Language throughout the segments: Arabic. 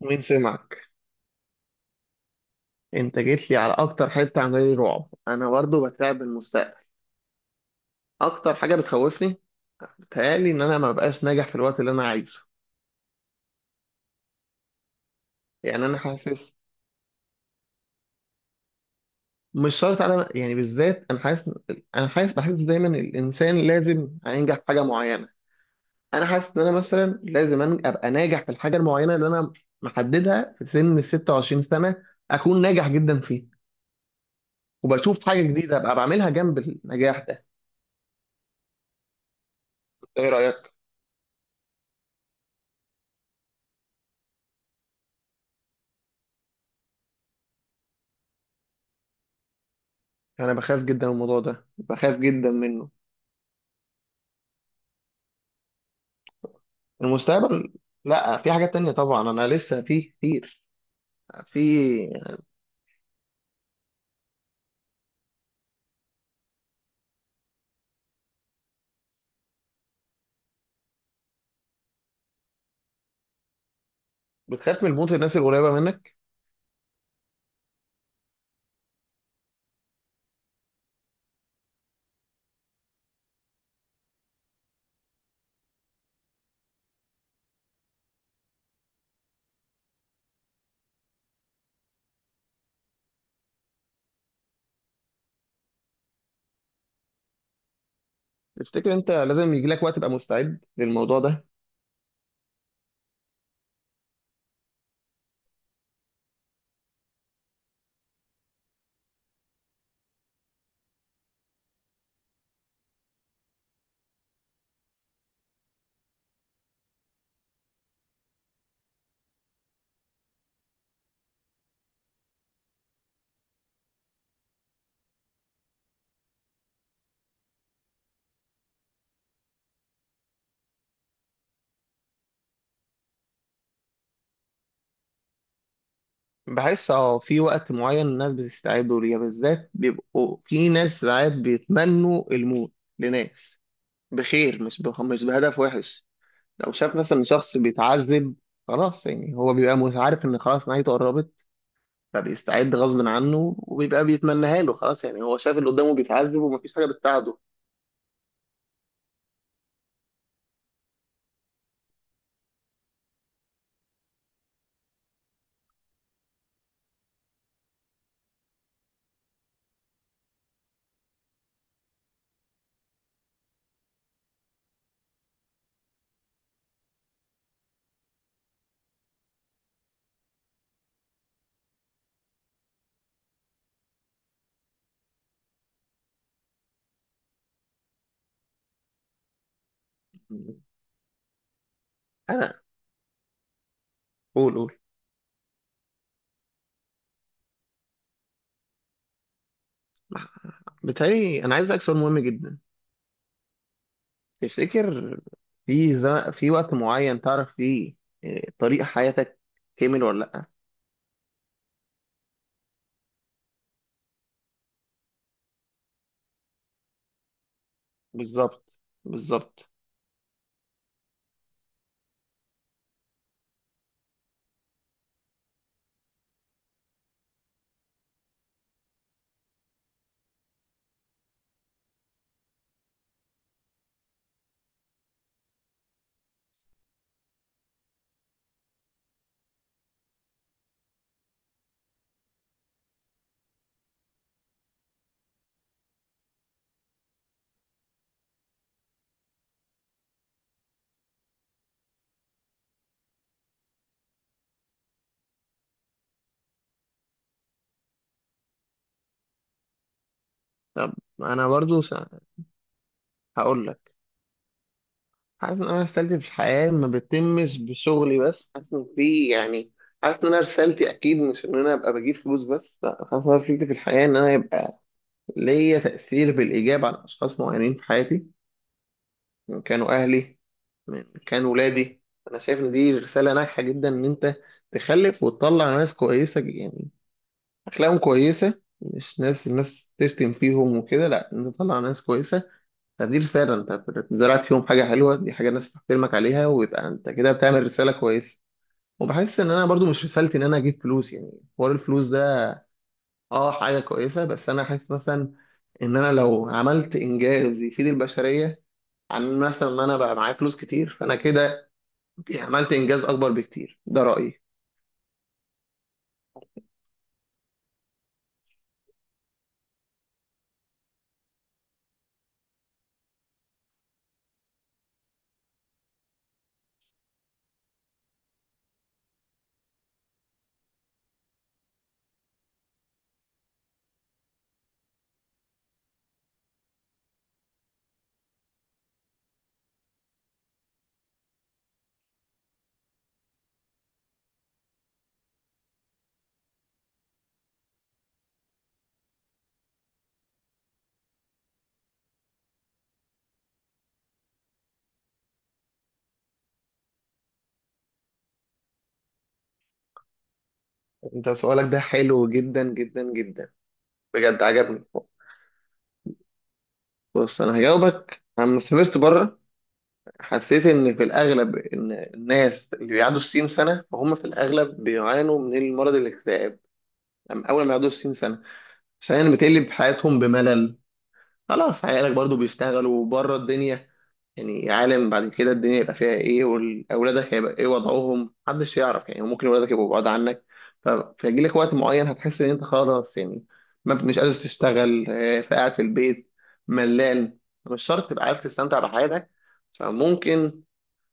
مين سمعك؟ انت جيت لي على اكتر حته عامله لي رعب. انا برضه بتعب من المستقبل. اكتر حاجه بتخوفني، بتهيألي ان انا ما ببقاش ناجح في الوقت اللي انا عايزه. يعني انا حاسس، مش شرط انا، يعني بالذات انا حاسس، بحس دايما الانسان لازم هينجح في حاجه معينه. انا حاسس ان انا مثلا لازم ابقى ناجح في الحاجه المعينه اللي انا محددها في سن ال 26 سنه، اكون ناجح جدا فيه، وبشوف حاجه جديده ابقى بعملها جنب النجاح ده. ايه رايك؟ انا بخاف جدا من الموضوع ده، بخاف جدا منه. المستقبل، لا، في حاجات تانية طبعا، انا لسه في كتير. في بتخاف من الموت الناس القريبة منك؟ تفتكر انت لازم يجي لك وقت تبقى مستعد للموضوع ده؟ بحس اه في وقت معين الناس بتستعدوا ليه، بالذات بيبقوا في ناس ساعات بيتمنوا الموت لناس بخير، مش بهدف وحش. لو شاف مثلا شخص بيتعذب خلاص، يعني هو بيبقى عارف ان خلاص نهايته قربت، فبيستعد غصب عنه وبيبقى بيتمناها له، خلاص يعني هو شاف اللي قدامه بيتعذب ومفيش حاجة بتساعده. انا، قول قول. بتهيألي انا عايز اسالك سؤال مهم جدا. تفتكر، في ز... في وقت معين تعرف فيه إيه، طريق حياتك كامل ولا لا؟ بالظبط، بالظبط. طب انا برضو هقول لك. حاسس ان انا رسالتي في الحياه ما بتتمش بشغلي بس، حاسس ان في يعني، حاسس ان انا رسالتي اكيد مش ان انا ابقى بجيب فلوس بس، لا، حاسس ان أنا رسالتي في الحياه ان انا يبقى ليا تاثير بالايجاب على اشخاص معينين في حياتي، من كانوا أهلي، من كانوا ولادي. أنا شايف إن دي رسالة ناجحة جدا، إن أنت تخلف وتطلع ناس كويسة، يعني أخلاقهم كويسة، مش ناس الناس تشتم فيهم وكده، لا، انت تطلع ناس كويسة. فدي رسالة، أنت زرعت فيهم حاجة حلوة، دي حاجة الناس تحترمك عليها، ويبقى أنت كده بتعمل رسالة كويسة. وبحس إن أنا برضو مش رسالتي إن أنا أجيب فلوس يعني، حوار الفلوس ده أه حاجة كويسة، بس أنا حاسس مثلا إن أنا لو عملت إنجاز يفيد البشرية، عن مثلا ان انا بقى معايا فلوس كتير، فانا كده عملت انجاز اكبر بكتير، ده رايي. انت سؤالك ده حلو جدا جدا جدا، بجد عجبني. بص انا هجاوبك. لما سافرت بره حسيت ان في الاغلب ان الناس اللي بيعدوا الستين سنه فهم في الاغلب بيعانوا من المرض الاكتئاب. أما اول ما يعدوا الستين سنه، عشان بتقلب حياتهم بملل، خلاص عيالك برضو بيشتغلوا بره الدنيا، يعني عالم بعد كده الدنيا يبقى فيها ايه، واولادك هيبقى ايه وضعهم، محدش يعرف، يعني ممكن اولادك يبقوا بعاد عنك. ف- فيجي لك وقت معين هتحس ان انت خلاص، يعني ما، مش قادر تشتغل، فقاعد في البيت ملان، مش شرط تبقى عارف تستمتع بحياتك. فممكن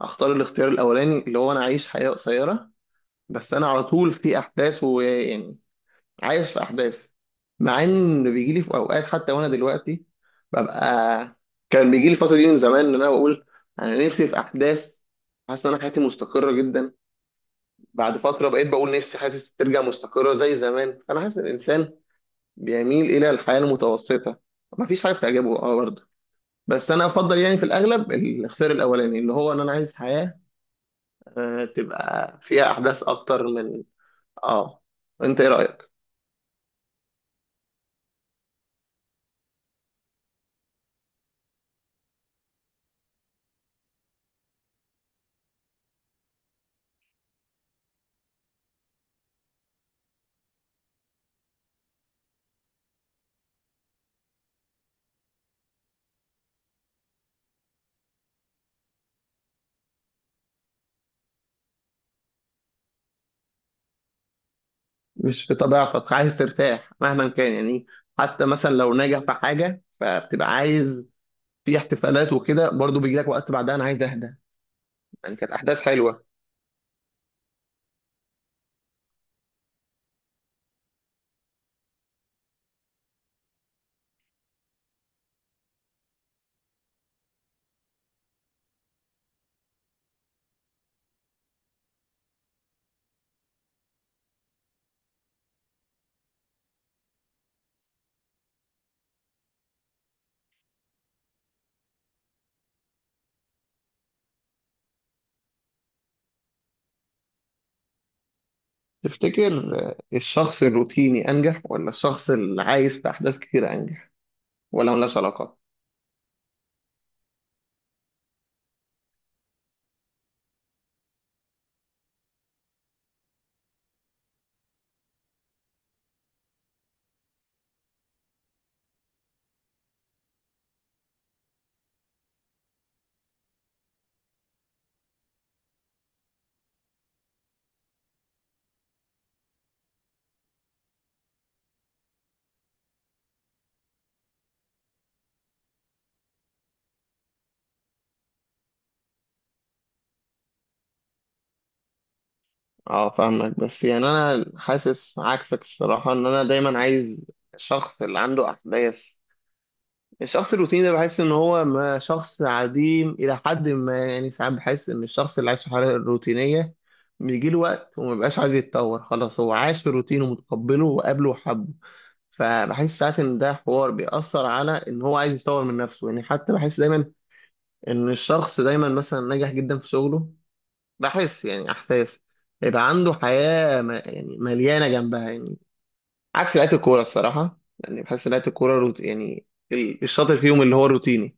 اختار الاختيار الاولاني، اللي هو انا اعيش حياة قصيرة بس انا على طول في احداث، ويعني عايش في احداث. مع ان بيجي لي في اوقات، حتى وانا دلوقتي ببقى، كان بيجي لي الفتره دي من زمان ان انا بقول انا نفسي في احداث، حاسس ان انا حياتي مستقره جدا. بعد فتره بقيت بقول نفسي حاسس ترجع مستقره زي زمان، فانا حاسس ان الانسان بيميل الى الحياه المتوسطه، مفيش حاجه بتعجبه اه برضه. بس انا افضل يعني في الاغلب الاختيار الاولاني، اللي هو ان انا عايز حياه تبقى فيها احداث اكتر من، اه. انت ايه رايك؟ مش في طبيعتك عايز ترتاح مهما كان يعني. حتى مثلا لو ناجح في حاجة فبتبقى عايز في احتفالات وكده، برضو بيجي لك وقت بعدها انا عايز اهدى، يعني كانت احداث حلوة. تفتكر، الشخص الروتيني انجح ولا الشخص اللي عايز في احداث كتير انجح؟ ولا ملهاش علاقة؟ اه، فاهمك، بس يعني انا حاسس عكسك الصراحة ان انا دايما عايز الشخص اللي عنده احداث. الشخص الروتيني ده بحس ان هو ما، شخص عديم الى حد ما يعني، ساعات بحس ان الشخص اللي عايش في حاله روتينيه بيجي له وقت وما بيبقاش عايز يتطور، خلاص هو عاش في الروتين ومتقبله وقابله وحبه، فبحس ساعات ان ده حوار بيأثر على ان هو عايز يطور من نفسه يعني، حتى بحس دايما ان الشخص دايما مثلا ناجح جدا في شغله، بحس يعني احساس يبقى عنده حياه ما، يعني مليانه جنبها يعني. عكس لعيبه الكوره الصراحه يعني، بحس لعيبه الكوره يعني، الشاطر فيهم اللي هو روتيني.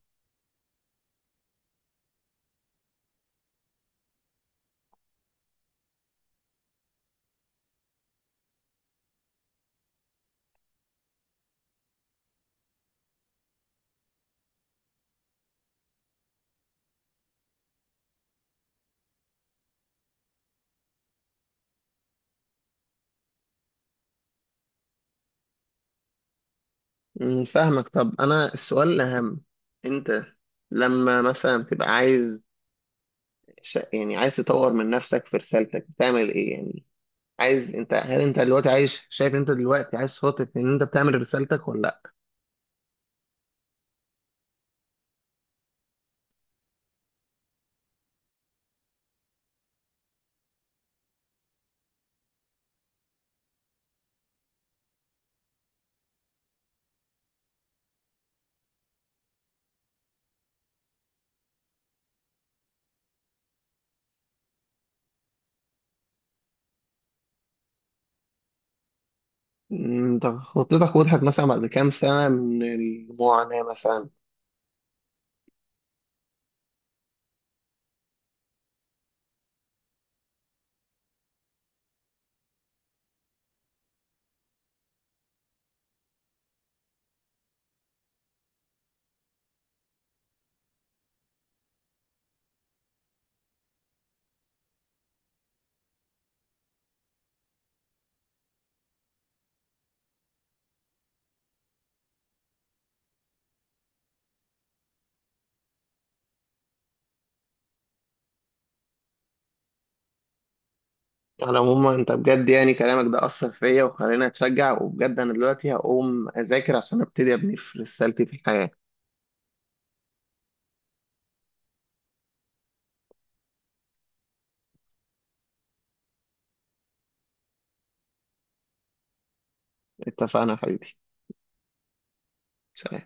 مم، فاهمك. طب انا السؤال الاهم، انت لما مثلا تبقى عايز يعني عايز تطور من نفسك في رسالتك بتعمل ايه يعني؟ عايز انت، هل انت دلوقتي عايش، شايف انت دلوقتي عايز خطط ان انت بتعمل رسالتك ولا لا؟ مم، انت خطتك وضحت مثلا بعد كام سنة من المعاناة مثلا؟ على العموم انت بجد يعني كلامك ده اثر فيا وخلاني اتشجع، وبجد انا دلوقتي هقوم اذاكر عشان ابتدي ابني في رسالتي في الحياة. اتفقنا يا حبيبي. سلام.